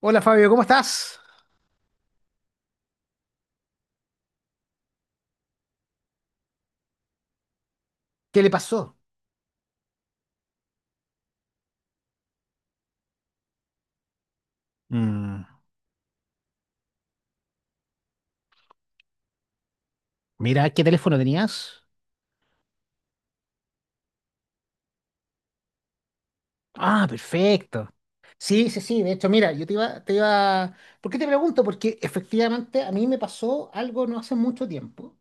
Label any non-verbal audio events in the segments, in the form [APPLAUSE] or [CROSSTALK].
Hola Fabio, ¿cómo estás? ¿Qué le pasó? Mm, mira, ¿qué teléfono tenías? Ah, perfecto. Sí, sí, sí, de hecho, mira, yo te iba... ¿Por qué te pregunto? Porque efectivamente a mí me pasó algo no hace mucho tiempo.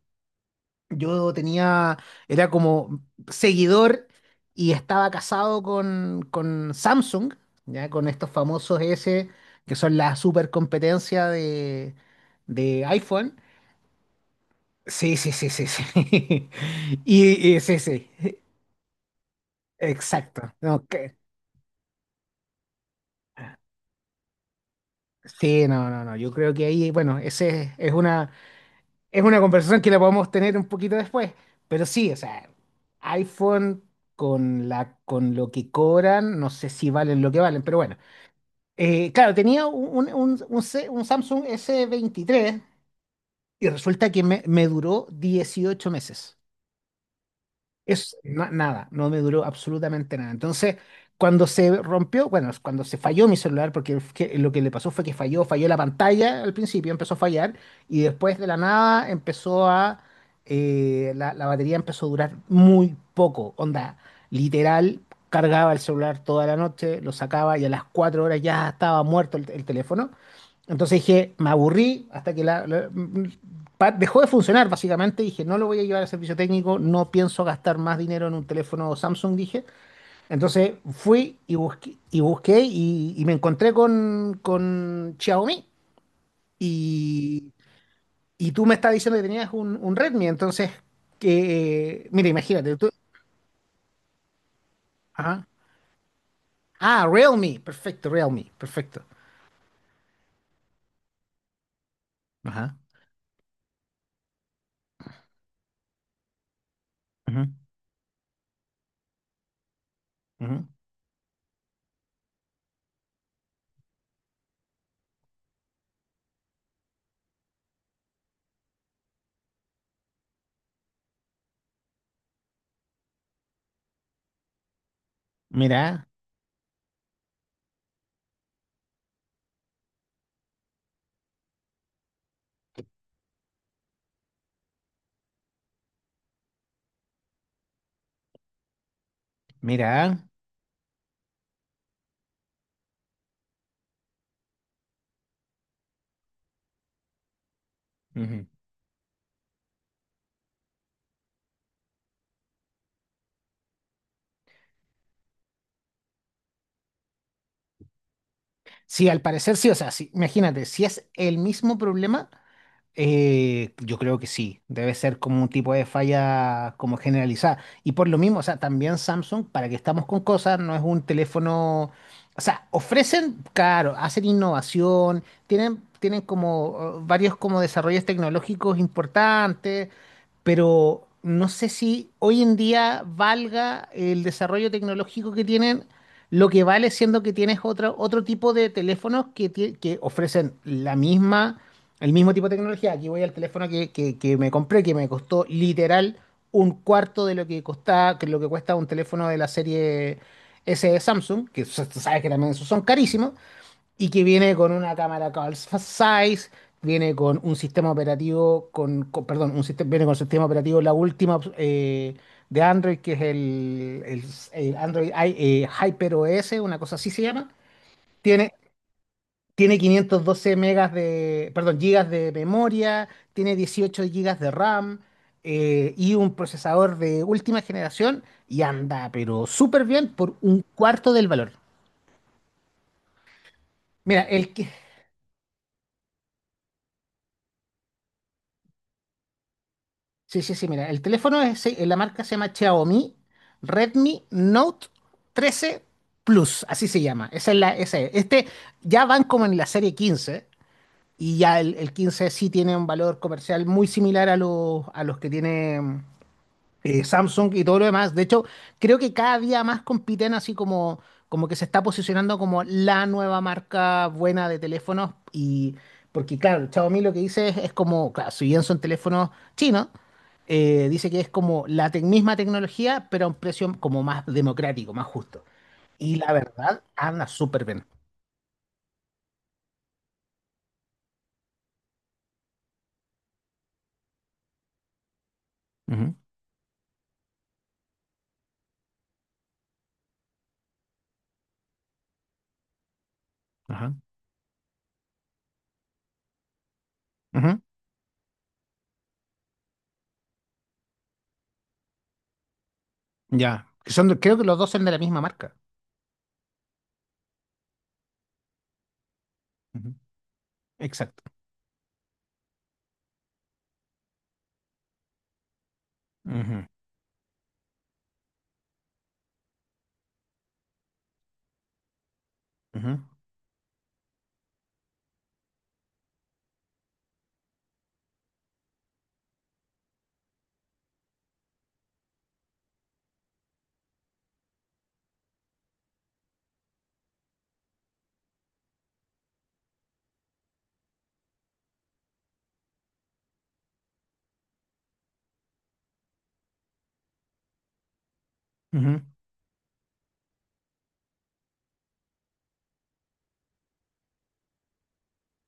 Yo tenía, era como seguidor y estaba casado con Samsung, ya con estos famosos S, que son la super competencia de iPhone. Sí, sí, sí, sí, sí. [LAUGHS] Y sí, sí. Exacto. Sí, no, no, no. Yo creo que ahí, bueno, es una conversación que la podemos tener un poquito después. Pero sí, o sea, iPhone con lo que cobran, no sé si valen lo que valen, pero bueno. Claro, tenía un Samsung s 23 y resulta que me duró 18 meses. Nada, no me duró absolutamente nada. Entonces, cuando se rompió, bueno, cuando se falló mi celular, porque lo que le pasó fue que falló, falló la pantalla al principio, empezó a fallar, y después de la nada la batería empezó a durar muy poco, onda, literal, cargaba el celular toda la noche, lo sacaba y a las 4 horas ya estaba muerto el teléfono. Entonces dije, me aburrí hasta que la- pa- dejó de funcionar, básicamente. Dije, no lo voy a llevar al servicio técnico, no pienso gastar más dinero en un teléfono Samsung, dije. Entonces fui y busqué y me encontré con Xiaomi. Y, y tú me estás diciendo que tenías un Redmi, entonces, que, mira, imagínate, tú. Ajá. Ah, Realme, perfecto, Realme, perfecto. Ajá. Ujú, ujú. Mira, mira. Ujú. Sí, al parecer sí, o sea, sí, imagínate, si es el mismo problema, yo creo que sí, debe ser como un tipo de falla como generalizada. Y por lo mismo, o sea, también Samsung, para que estamos con cosas, no es un teléfono, o sea, ofrecen, claro, hacen innovación, tienen como varios como desarrollos tecnológicos importantes, pero no sé si hoy en día valga el desarrollo tecnológico que tienen. Lo que vale siendo que tienes otro tipo de teléfonos que ofrecen la misma el mismo tipo de tecnología. Aquí voy al teléfono que me compré, que me costó literal un cuarto de lo que costaba, que lo que cuesta un teléfono de la serie S de Samsung, tú sabes que también esos son carísimos, y que viene con una cámara call size, viene con un sistema operativo, perdón, un sistema, viene con sistema operativo la última de Android, que es el Hyper OS, una cosa así se llama. Tiene tiene 512 megas de, perdón, gigas de memoria, tiene 18 gigas de RAM, y un procesador de última generación y anda, pero súper bien por un cuarto del valor. Mira, el que, sí, sí, sí, mira, el teléfono es, la marca se llama Xiaomi Redmi Note 13 Plus, así se llama. Esa es. Este ya van como en la serie 15 y ya el 15 sí tiene un valor comercial muy similar a a los que tiene Samsung y todo lo demás. De hecho, creo que cada día más compiten así como, como que se está posicionando como la nueva marca buena de teléfonos. Y porque, claro, el Xiaomi lo que dice es como, claro, si bien son teléfonos chinos, dice que es como misma tecnología, pero a un precio como más democrático, más justo. Y la verdad, anda súper bien. Ujú, ajá. Ujú. Ya. Creo que los dos son de la misma marca. Ujú, exacto. Ujú, ujú, ujú,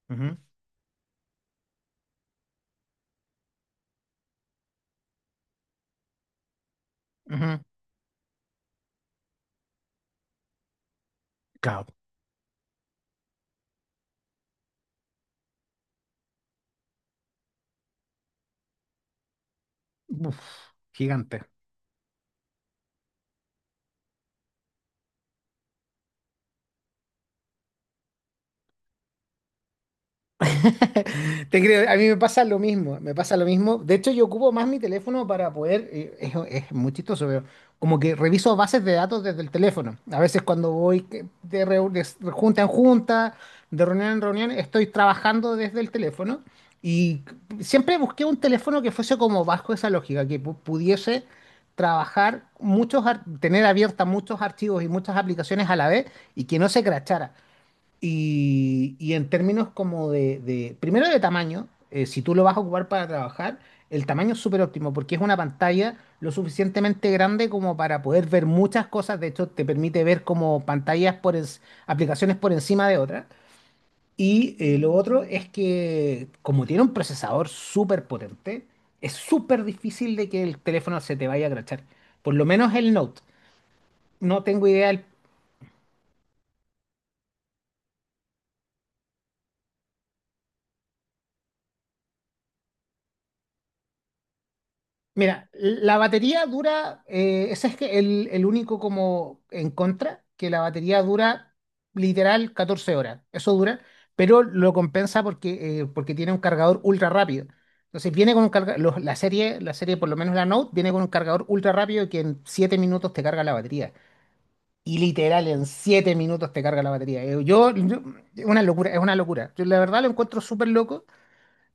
ujú, ujú. Claro. Uf, gigante. [LAUGHS] Te creo, a mí me pasa lo mismo, me pasa lo mismo. De hecho, yo ocupo más mi teléfono para poder, es muy chistoso, pero como que reviso bases de datos desde el teléfono. A veces cuando voy que- de, reu- de s- junta en junta, de reunión en reunión, estoy trabajando desde el teléfono y siempre busqué un teléfono que fuese como bajo esa lógica, que pudiese trabajar muchos, tener abiertas muchos archivos y muchas aplicaciones a la vez y que no se crachara. Y en términos como primero de tamaño, si tú lo vas a ocupar para trabajar, el tamaño es súper óptimo porque es una pantalla lo suficientemente grande como para poder ver muchas cosas. De hecho, te permite ver como aplicaciones por encima de otras. Y lo otro es que como tiene un procesador súper potente, es súper difícil de que el teléfono se te vaya a crachar. Por lo menos el Note. No tengo idea. Mira, la batería dura, ese es que el único como en contra, que la batería dura literal 14 horas, eso dura, pero lo compensa porque, porque tiene un cargador ultra rápido. Entonces viene con un cargador, la serie, por lo menos la Note, viene con un cargador ultra rápido que en 7 minutos te carga la batería. Y literal, en 7 minutos te carga la batería. Es una locura, es una locura. Yo la verdad lo encuentro súper loco.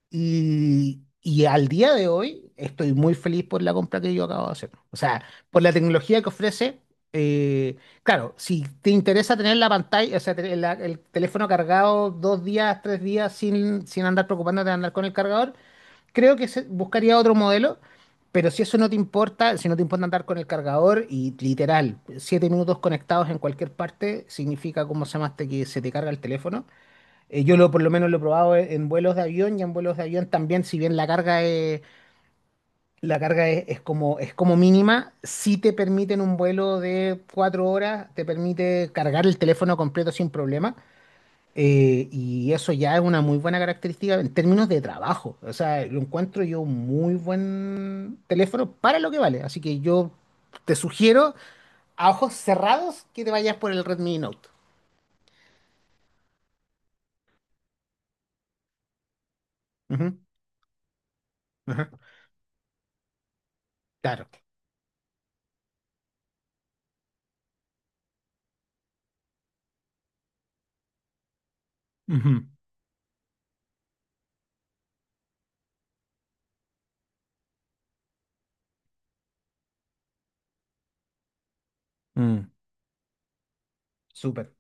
Y al día de hoy estoy muy feliz por la compra que yo acabo de hacer. O sea, por la tecnología que ofrece. eh, claro, si te interesa tener la pantalla, o sea, tener el teléfono cargado dos días, tres días sin andar preocupándote de andar con el cargador, creo que buscaría otro modelo. Pero si eso no te importa, si no te importa andar con el cargador y literal, 7 minutos conectados en cualquier parte, significa como se llama este que se te carga el teléfono. Por lo menos lo he probado en vuelos de avión y en vuelos de avión también, si bien la carga es como mínima, si te permiten un vuelo de 4 horas, te permite cargar el teléfono completo sin problema. Y eso ya es una muy buena característica en términos de trabajo. O sea, lo encuentro yo un muy buen teléfono para lo que vale. Así que yo te sugiero a ojos cerrados que te vayas por el Redmi Note. Ujú, ujú, claro, ujú, mm. Súper.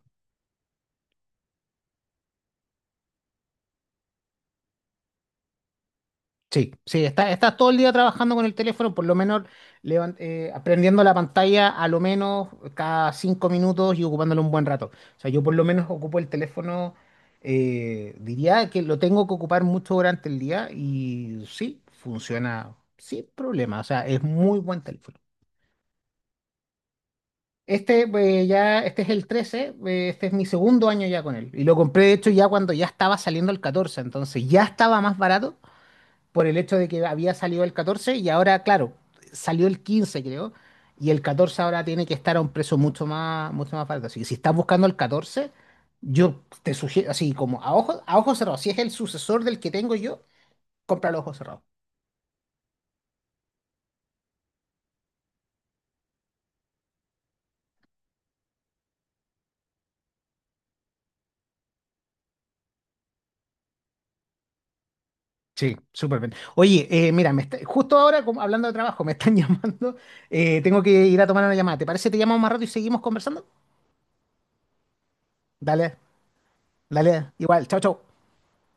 Sí, sí, está todo el día trabajando con el teléfono, por lo menos aprendiendo la pantalla a lo menos cada 5 minutos y ocupándolo un buen rato. O sea, yo por lo menos ocupo el teléfono, diría que lo tengo que ocupar mucho durante el día y sí, funciona sin problema. O sea, es muy buen teléfono. Este, ya, este es el 13, este es mi segundo año ya con él. Y lo compré, de hecho, ya cuando ya estaba saliendo el 14, entonces ya estaba más barato por el hecho de que había salido el 14 y ahora, claro, salió el 15, creo, y el 14 ahora tiene que estar a un precio mucho más barato. Así que si estás buscando el 14, yo te sugiero, así como a ojos cerrados, si es el sucesor del que tengo yo, cómpralo a ojos cerrados. Sí, súper bien. Oye, justo ahora, como hablando de trabajo, me están [LAUGHS] llamando. Tengo que ir a tomar una llamada. ¿Te parece? Te llamamos más rato y seguimos conversando. Dale, dale. Igual, chao, chao.